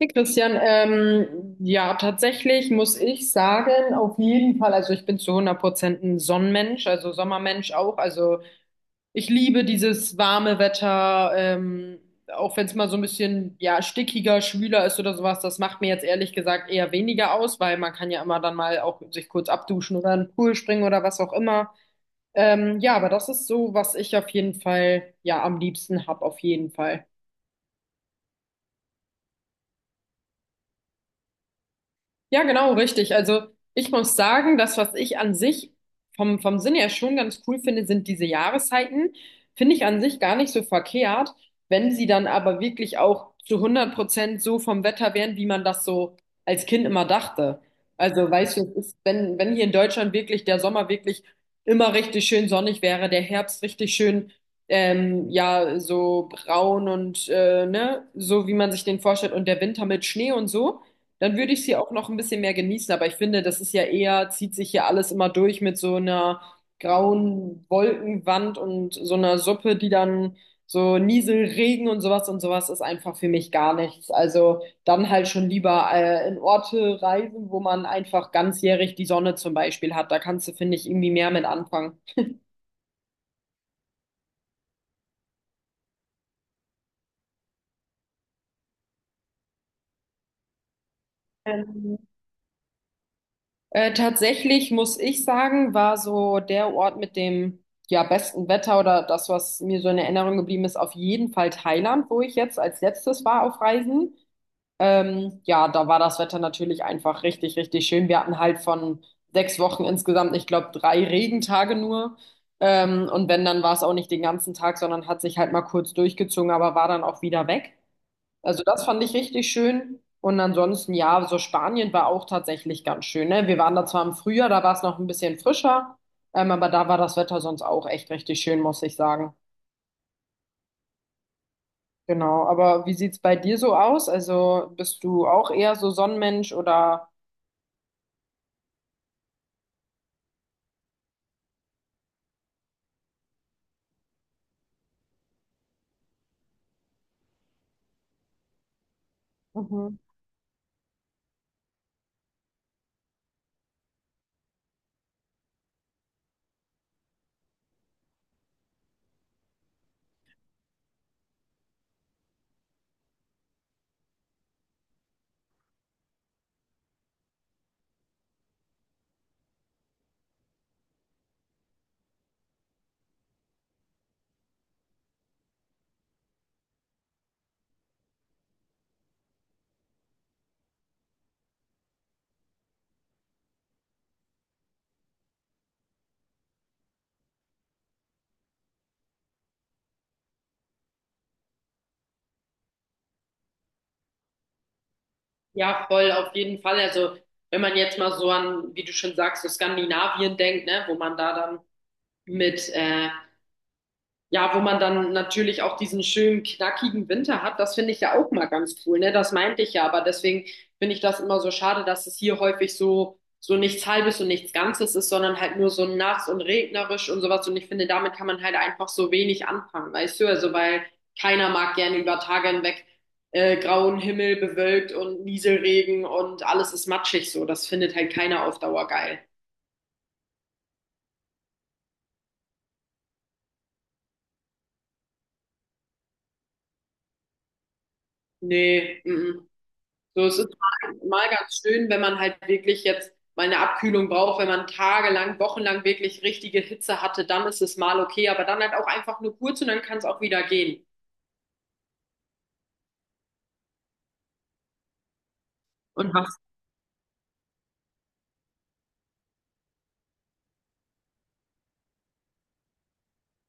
Hey Christian, ja, tatsächlich muss ich sagen, auf jeden Fall, also ich bin zu 100% ein Sonnenmensch, also Sommermensch auch. Also ich liebe dieses warme Wetter, auch wenn es mal so ein bisschen, ja, stickiger, schwüler ist oder sowas. Das macht mir jetzt ehrlich gesagt eher weniger aus, weil man kann ja immer dann mal auch sich kurz abduschen oder in den Pool springen oder was auch immer. Ja, aber das ist so, was ich auf jeden Fall, ja, am liebsten hab, auf jeden Fall. Ja, genau, richtig. Also ich muss sagen, das, was ich an sich vom Sinn her schon ganz cool finde, sind diese Jahreszeiten. Finde ich an sich gar nicht so verkehrt, wenn sie dann aber wirklich auch zu 100% so vom Wetter wären, wie man das so als Kind immer dachte. Also weißt du, es ist, wenn hier in Deutschland wirklich der Sommer wirklich immer richtig schön sonnig wäre, der Herbst richtig schön, ja, so braun und ne, so wie man sich den vorstellt und der Winter mit Schnee und so, dann würde ich sie auch noch ein bisschen mehr genießen, aber ich finde, das ist ja eher, zieht sich hier alles immer durch mit so einer grauen Wolkenwand und so einer Suppe, die dann so Nieselregen und sowas ist einfach für mich gar nichts. Also dann halt schon lieber in Orte reisen, wo man einfach ganzjährig die Sonne zum Beispiel hat. Da kannst du, finde ich, irgendwie mehr mit anfangen. Ähm, Tatsächlich muss ich sagen, war so der Ort mit dem ja, besten Wetter oder das, was mir so in Erinnerung geblieben ist, auf jeden Fall Thailand, wo ich jetzt als letztes war auf Reisen. Ja, da war das Wetter natürlich einfach richtig, richtig schön. Wir hatten halt von 6 Wochen insgesamt, ich glaube, 3 Regentage nur. Und wenn, dann war es auch nicht den ganzen Tag, sondern hat sich halt mal kurz durchgezogen, aber war dann auch wieder weg. Also das fand ich richtig schön. Und ansonsten, ja, so Spanien war auch tatsächlich ganz schön, ne? Wir waren da zwar im Frühjahr, da war es noch ein bisschen frischer, aber da war das Wetter sonst auch echt richtig schön, muss ich sagen. Genau, aber wie sieht's bei dir so aus? Also bist du auch eher so Sonnenmensch oder? Mhm. Ja, voll, auf jeden Fall. Also, wenn man jetzt mal so an, wie du schon sagst, so Skandinavien denkt, ne, wo man da dann mit ja, wo man dann natürlich auch diesen schönen, knackigen Winter hat, das finde ich ja auch mal ganz cool, ne? Das meinte ich ja, aber deswegen finde ich das immer so schade, dass es hier häufig so, so nichts Halbes und nichts Ganzes ist, sondern halt nur so nass und regnerisch und sowas. Und ich finde, damit kann man halt einfach so wenig anfangen, weißt du? Also, weil keiner mag gerne über Tage hinweg grauen Himmel, bewölkt und Nieselregen und alles ist matschig so. Das findet halt keiner auf Dauer geil. Nee, mm, mm. So, es ist mal ganz schön, wenn man halt wirklich jetzt mal eine Abkühlung braucht, wenn man tagelang, wochenlang wirklich richtige Hitze hatte, dann ist es mal okay, aber dann halt auch einfach nur kurz und dann kann es auch wieder gehen. Und was?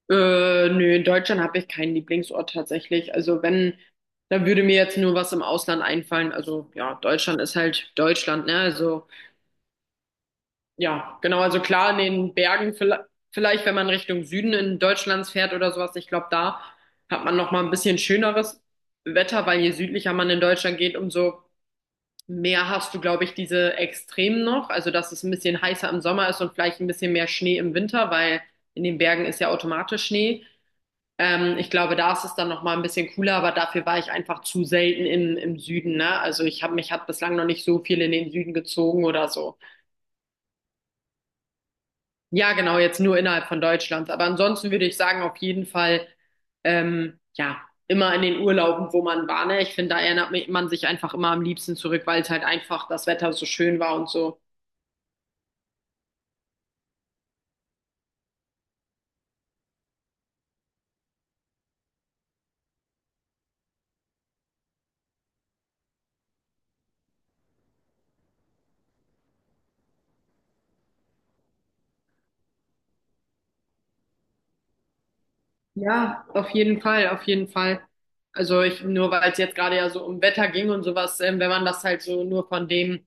Nö, in Deutschland habe ich keinen Lieblingsort tatsächlich. Also wenn, da würde mir jetzt nur was im Ausland einfallen. Also ja, Deutschland ist halt Deutschland, ne? Also ja, genau. Also klar, in den Bergen, vielleicht wenn man Richtung Süden in Deutschlands fährt oder sowas, ich glaube, da hat man noch mal ein bisschen schöneres Wetter, weil je südlicher man in Deutschland geht, umso mehr hast du, glaube ich, diese Extremen noch. Also, dass es ein bisschen heißer im Sommer ist und vielleicht ein bisschen mehr Schnee im Winter, weil in den Bergen ist ja automatisch Schnee. Ich glaube, da ist es dann noch mal ein bisschen cooler, aber dafür war ich einfach zu selten in, im Süden, ne? Also, ich habe mich hat bislang noch nicht so viel in den Süden gezogen oder so. Ja, genau, jetzt nur innerhalb von Deutschland. Aber ansonsten würde ich sagen, auf jeden Fall, ja, immer in den Urlauben, wo man war, ne? Ich finde, da erinnert man sich einfach immer am liebsten zurück, weil es halt einfach das Wetter so schön war und so. Ja, auf jeden Fall, auf jeden Fall. Also ich, nur weil es jetzt gerade ja so um Wetter ging und sowas, wenn man das halt so nur von dem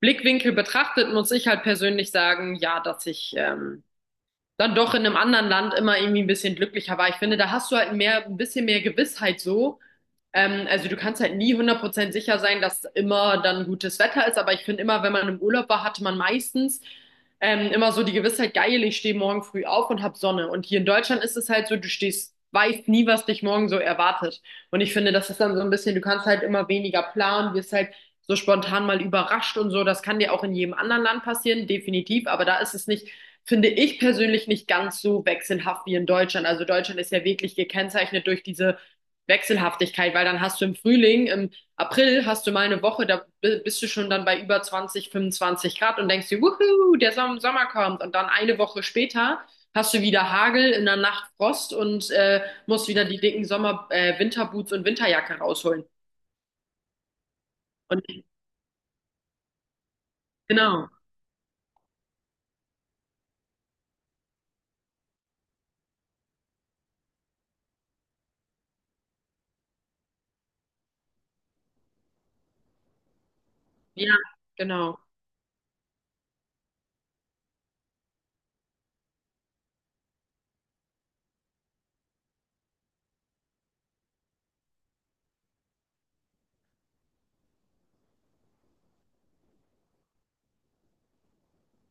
Blickwinkel betrachtet, muss ich halt persönlich sagen, ja, dass ich, dann doch in einem anderen Land immer irgendwie ein bisschen glücklicher war. Ich finde, da hast du halt mehr, ein bisschen mehr Gewissheit so. Also du kannst halt nie 100% sicher sein, dass immer dann gutes Wetter ist, aber ich finde immer, wenn man im Urlaub war, hatte man meistens immer so die Gewissheit, geil, ich stehe morgen früh auf und hab Sonne. Und hier in Deutschland ist es halt so, du stehst, weißt nie, was dich morgen so erwartet. Und ich finde, das ist dann so ein bisschen, du kannst halt immer weniger planen, wirst halt so spontan mal überrascht und so. Das kann dir auch in jedem anderen Land passieren, definitiv, aber da ist es nicht finde ich persönlich nicht ganz so wechselhaft wie in Deutschland. Also Deutschland ist ja wirklich gekennzeichnet durch diese Wechselhaftigkeit, weil dann hast du im Frühling, im April hast du mal eine Woche, da bist du schon dann bei über 20, 25 Grad und denkst dir, wuhu, der Sommer kommt. Und dann eine Woche später hast du wieder Hagel, in der Nacht Frost und musst wieder die dicken Winterboots und Winterjacke rausholen. Und genau, ja, genau.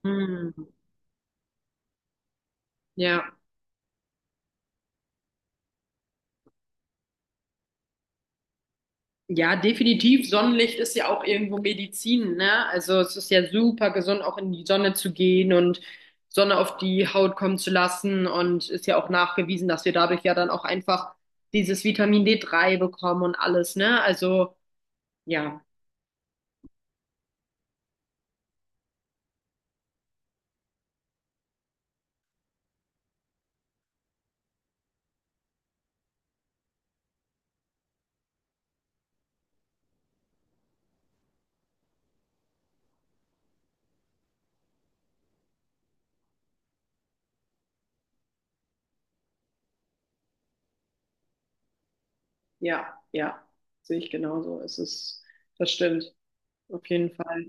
Hm, ja. Ja, definitiv. Sonnenlicht ist ja auch irgendwo Medizin, ne? Also es ist ja super gesund, auch in die Sonne zu gehen und Sonne auf die Haut kommen zu lassen. Und ist ja auch nachgewiesen, dass wir dadurch ja dann auch einfach dieses Vitamin D3 bekommen und alles, ne? Also ja, ja, sehe ich genauso. Es ist, das stimmt, auf jeden Fall.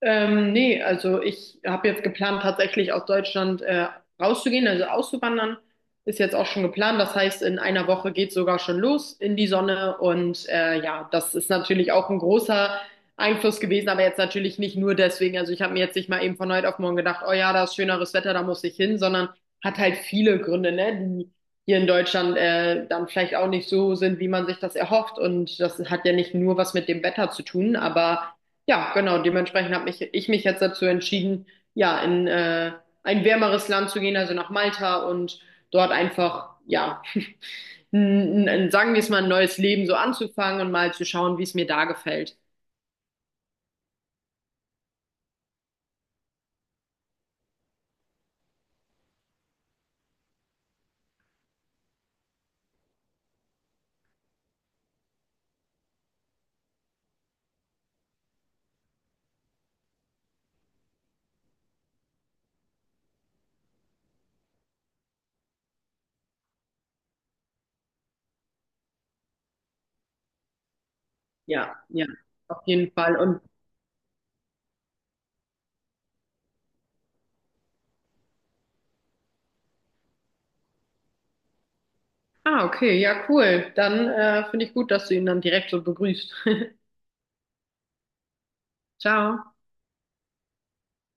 Nee, also ich habe jetzt geplant, tatsächlich aus Deutschland rauszugehen, also auszuwandern. Ist jetzt auch schon geplant. Das heißt, in einer Woche geht's sogar schon los in die Sonne. Und ja, das ist natürlich auch ein großer Einfluss gewesen, aber jetzt natürlich nicht nur deswegen. Also ich habe mir jetzt nicht mal eben von heute auf morgen gedacht, oh ja, da ist schöneres Wetter, da muss ich hin, sondern hat halt viele Gründe, ne, die hier in Deutschland dann vielleicht auch nicht so sind, wie man sich das erhofft. Und das hat ja nicht nur was mit dem Wetter zu tun, aber ja, genau. Dementsprechend habe ich mich jetzt dazu entschieden, ja, in ein wärmeres Land zu gehen, also nach Malta und dort einfach, ja, sagen wir es mal, ein neues Leben so anzufangen und mal zu schauen, wie es mir da gefällt. Ja, auf jeden Fall. Und, ah, okay, ja, cool. Dann finde ich gut, dass du ihn dann direkt so begrüßt. Ciao.